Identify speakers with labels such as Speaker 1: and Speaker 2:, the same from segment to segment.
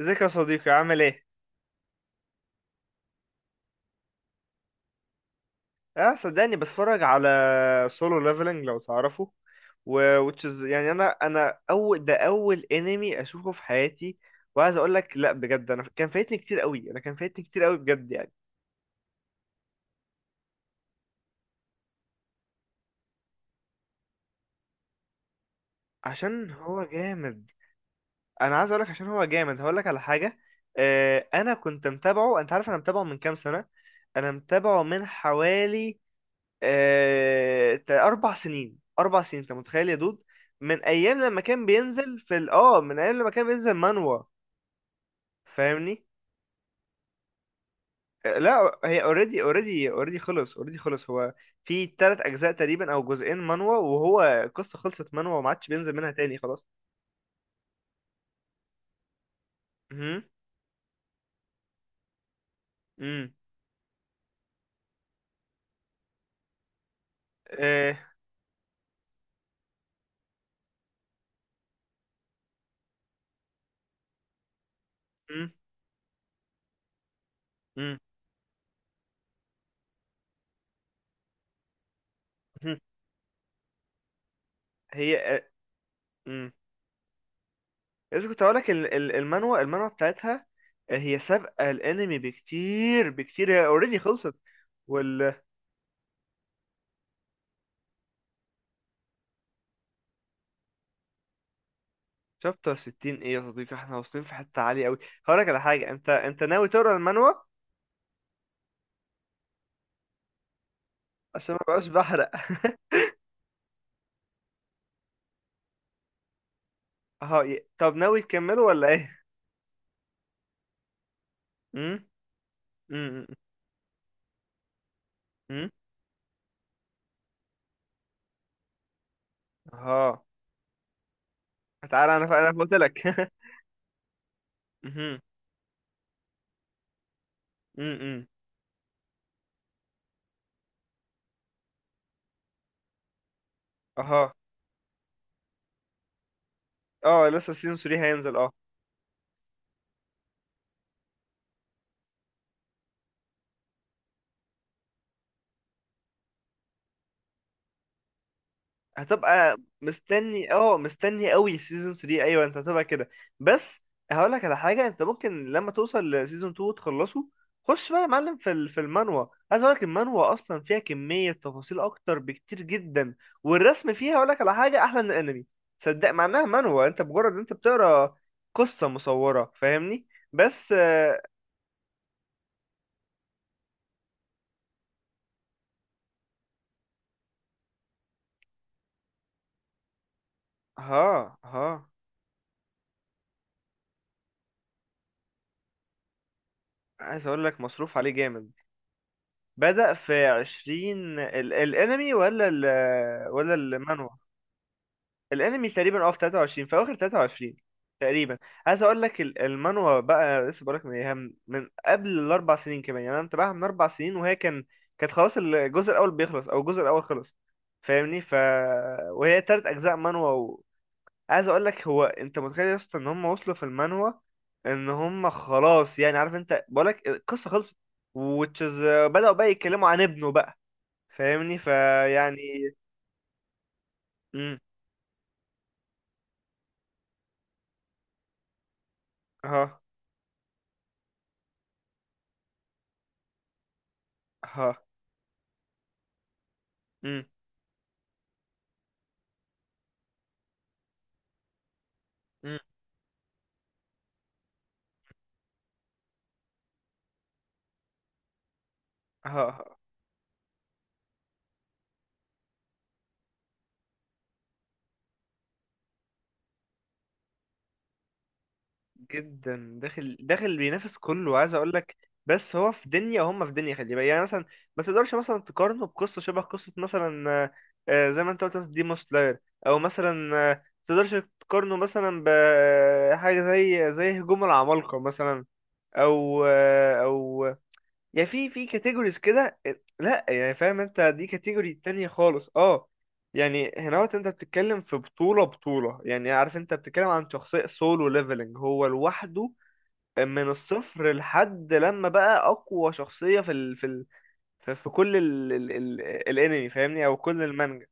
Speaker 1: ازيك يا صديقي، عامل ايه؟ اه، صدقني بتفرج على سولو ليفلنج لو تعرفه. و which is يعني انا اول انمي اشوفه في حياتي. وعايز اقول لك لا بجد، انا كان فايتني كتير قوي، انا كان فايتني كتير قوي بجد يعني. عشان هو جامد. انا عايز اقول لك عشان هو جامد، هقول لك على حاجة. اه انا كنت متابعه، انت عارف انا متابعه من كام سنة. انا متابعه من حوالي 4 سنين، 4 سنين، أنت متخيل يا دود؟ من أيام لما كان بينزل في ال آه من أيام لما كان بينزل مانوا. فاهمني؟ لا، هي اوريدي خلص. هو في 3 أجزاء تقريبا، أو جزئين مانوا، وهو القصة خلصت مانوا وما عادش بينزل منها تاني خلاص. مهم. مم. آه. مم. مم. مهم. هي آه. مم. لسه كنت هقولك المانوا بتاعتها. هي سابقة الأنمي بكتير بكتير، هي اوريدي خلصت. شابتر 60 ايه يا صديقي؟ احنا واصلين في حتة عالية قوي. هقولك على حاجة، انت ناوي تقرا المانوا؟ عشان ما بقاش بحرق اهو طب، ناوي تكمله ولا ايه؟ امم. امم. امم. اهو تعالى، انا انا قلت لك امم. امم. اهو. اه لسه سيزون 3 هينزل اه. هتبقى مستني، مستني قوي سيزون 3. ايوه، انت هتبقى كده. بس هقول لك على حاجه، انت ممكن لما توصل لسيزون 2 وتخلصه، خش بقى يا معلم في المانوا. عايز اقول لك المانوا اصلا فيها كميه تفاصيل اكتر بكتير جدا، والرسم فيها هقول لك على حاجه احلى من الانمي. صدق، مع انها مانوا، انت مجرد انت بتقرا قصه مصوره فاهمني. بس. ها ها. عايز اقول لك مصروف عليه جامد. بدأ في عشرين الانمي ولا المانوا؟ الانمي تقريبا، في 23، في اواخر 23 تقريبا. عايز اقول لك المانوا بقى لسه، بقول لك من إيه، من من قبل الاربع سنين كمان، يعني انا متابعها من 4 سنين، وهي كانت خلاص الجزء الاول بيخلص، او الجزء الاول خلص. فاهمني. وهي 3 اجزاء مانوا. عايز اقول لك، هو انت متخيل يا اسطى ان هم وصلوا في المانوا ان هم خلاص؟ يعني عارف انت، بقول لك القصه خلصت، وتشز بدأوا بقى يتكلموا عن ابنه بقى. فاهمني فيعني. امم. ها ها. امم. امم. ها ها. جدا داخل داخل، بينافس كله، وعايز اقول لك، بس هو في دنيا وهم في دنيا خلي بالك يعني. مثلا ما تقدرش مثلا تقارنه بقصه شبه قصه مثلا، زي ما انت قلت مثلا ديمون سلاير، او مثلا ما تقدرش تقارنه مثلا بحاجه زي هجوم العمالقه مثلا، او يعني في كاتيجوريز كده. لا يعني، فاهم انت، دي كاتيجوري تانية خالص اه. يعني هناوت، انت بتتكلم في بطولة بطولة، يعني عارف انت بتتكلم عن شخصية سولو ليفلنج هو لوحده، من الصفر لحد لما بقى اقوى شخصية في ال في في كل ال ال ال الانمي فاهمني، او كل المانجا.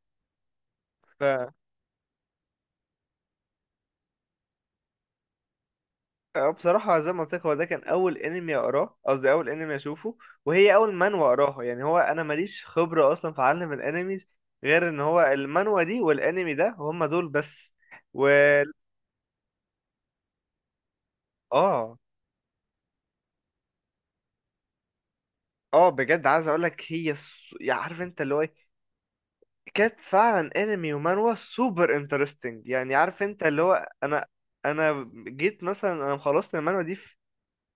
Speaker 1: اه، بصراحة زي ما قلت لك، هو ده كان أول أنمي أقراه، قصدي أول أنمي أشوفه، وهي أول منوى أقراها. يعني هو أنا ماليش خبرة أصلا في عالم الأنميز، غير إن هو المانوا دي والأنمي ده هما دول بس. و آه آه بجد عايز أقول لك، هي يعني عارف أنت اللي هو إيه، كانت فعلا أنمي ومانوا سوبر انترستنج. يعني عارف أنت اللي هو أنا، أنا جيت مثلا أنا خلصت المانوا دي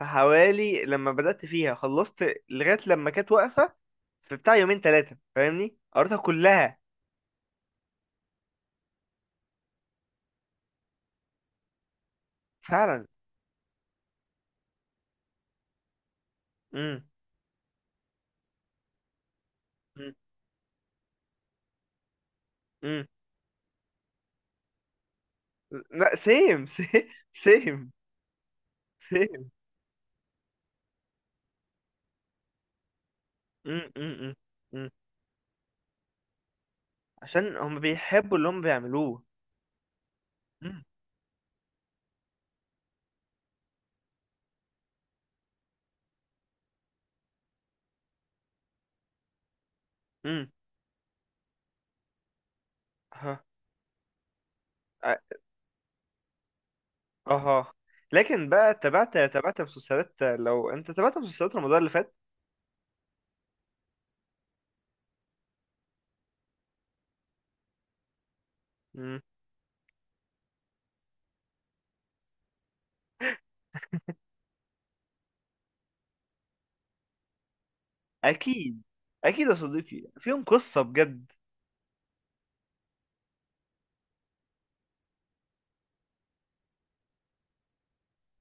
Speaker 1: فحوالي، لما بدأت فيها خلصت لغاية لما كانت واقفة، في بتاع يومين ثلاثة، فاهمني، قريتها كلها. فعلا. امم. امم. امم. لا، سيم، سيم، سيم، سيم امم. امم. امم. امم. عشان هم بيحبوا اللي هم بيعملوه. امم. امم. ها. اه. آه. لكن بقى تابعت مسلسلات، لو انت تابعت مسلسلات رمضان اللي فات. امم. اكيد، اكيد يا صديقي، فيهم قصة بجد.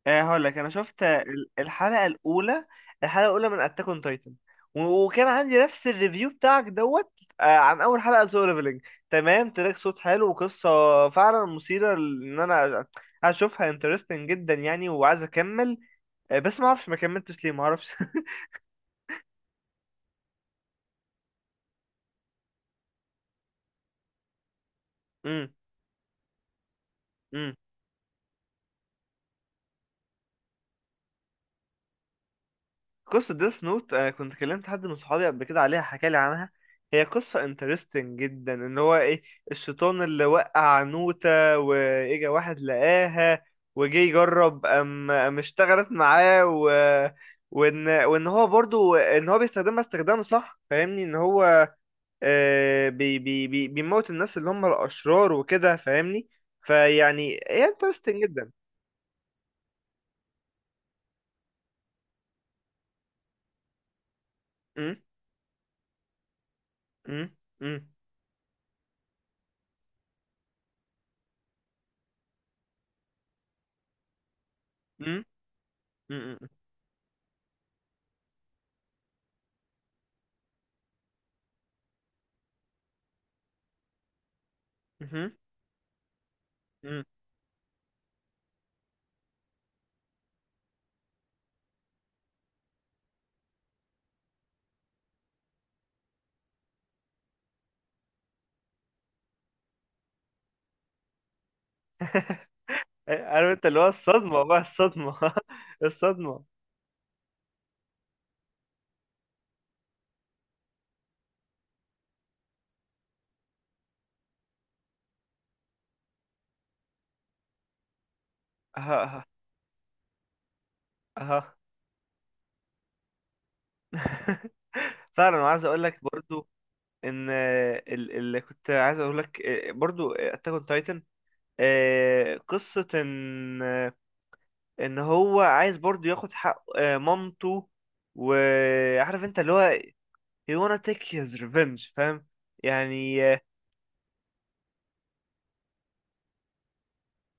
Speaker 1: هقول لك انا شفت الحلقه الاولى، الحلقه الاولى من اتاك اون تايتن، وكان عندي نفس الريفيو بتاعك دوت. عن اول حلقه لسولو ليفلنج. تمام، تراك صوت حلو، وقصه فعلا مثيره، ان انا اشوفها انترستنج جدا يعني، وعايز اكمل. بس ما اعرفش ما كملتش ليه، ما اعرفش امم. قصة ديس نوت، أنا كنت كلمت حد من صحابي قبل كده عليها، حكالي عنها. هي قصة انترستنج جدا، ان هو ايه، الشيطان اللي وقع نوتة، واجا واحد لقاها، وجه يجرب ام ام اشتغلت معاه. وان هو برضو ان هو بيستخدمها استخدام صح، فاهمني، ان هو بي بي بي بيموت الناس اللي هم الاشرار وكده، فاهمني فيعني، هي انترستنج جدا. م- م- م- م- م- م- م- م- عارف انت اللي هو الصدمة بقى، الصدمة الصدمة. اها. اها فعلا، وعايز اقول لك برضو، ان اللي كنت عايز اقول لك برضو اتاك اون تايتن، قصة ان، ان هو عايز برضو ياخد حق مامته، وعارف انت اللي هو he wanna take his revenge، فاهم يعني.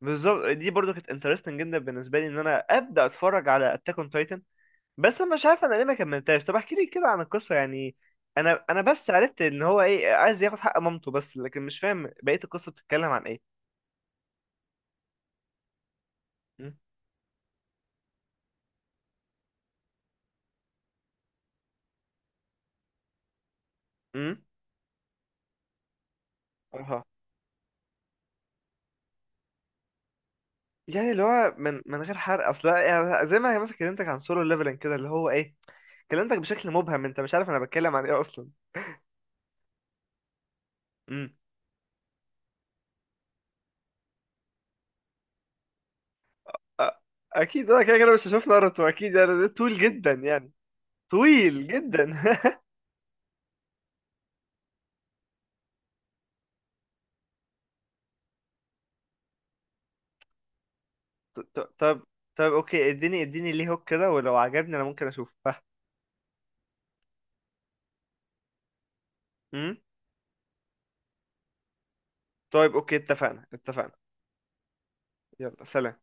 Speaker 1: بالظبط، دي برضو كانت interesting جدا بالنسبة لي، ان انا ابدا اتفرج على اتاك اون تايتن. بس انا مش عارف انا ليه ما كملتهاش. طب احكي لي كده عن القصه يعني، انا بس عرفت ان هو ايه عايز ياخد حق مامته بس، لكن مش فاهم بقيه القصه بتتكلم عن ايه. امم. أمم؟ اها. يعني اللي هو من غير حرق اصل، يعني زي ما هي مثلا كلمتك عن سولو ليفلنج كده، اللي هو ايه، كلمتك بشكل مبهم، انت مش عارف انا بتكلم عن ايه اصلا. امم. أ- اكيد انا كده كده مش هشوف ناروتو اكيد، يعني ده طويل جدا يعني، طويل جدا ط- ط- طب طب اوكي، اديني اديني ليه هوك كده، ولو عجبني انا ممكن اشوفه. طيب اوكي، اتفقنا اتفقنا. يلا سلام.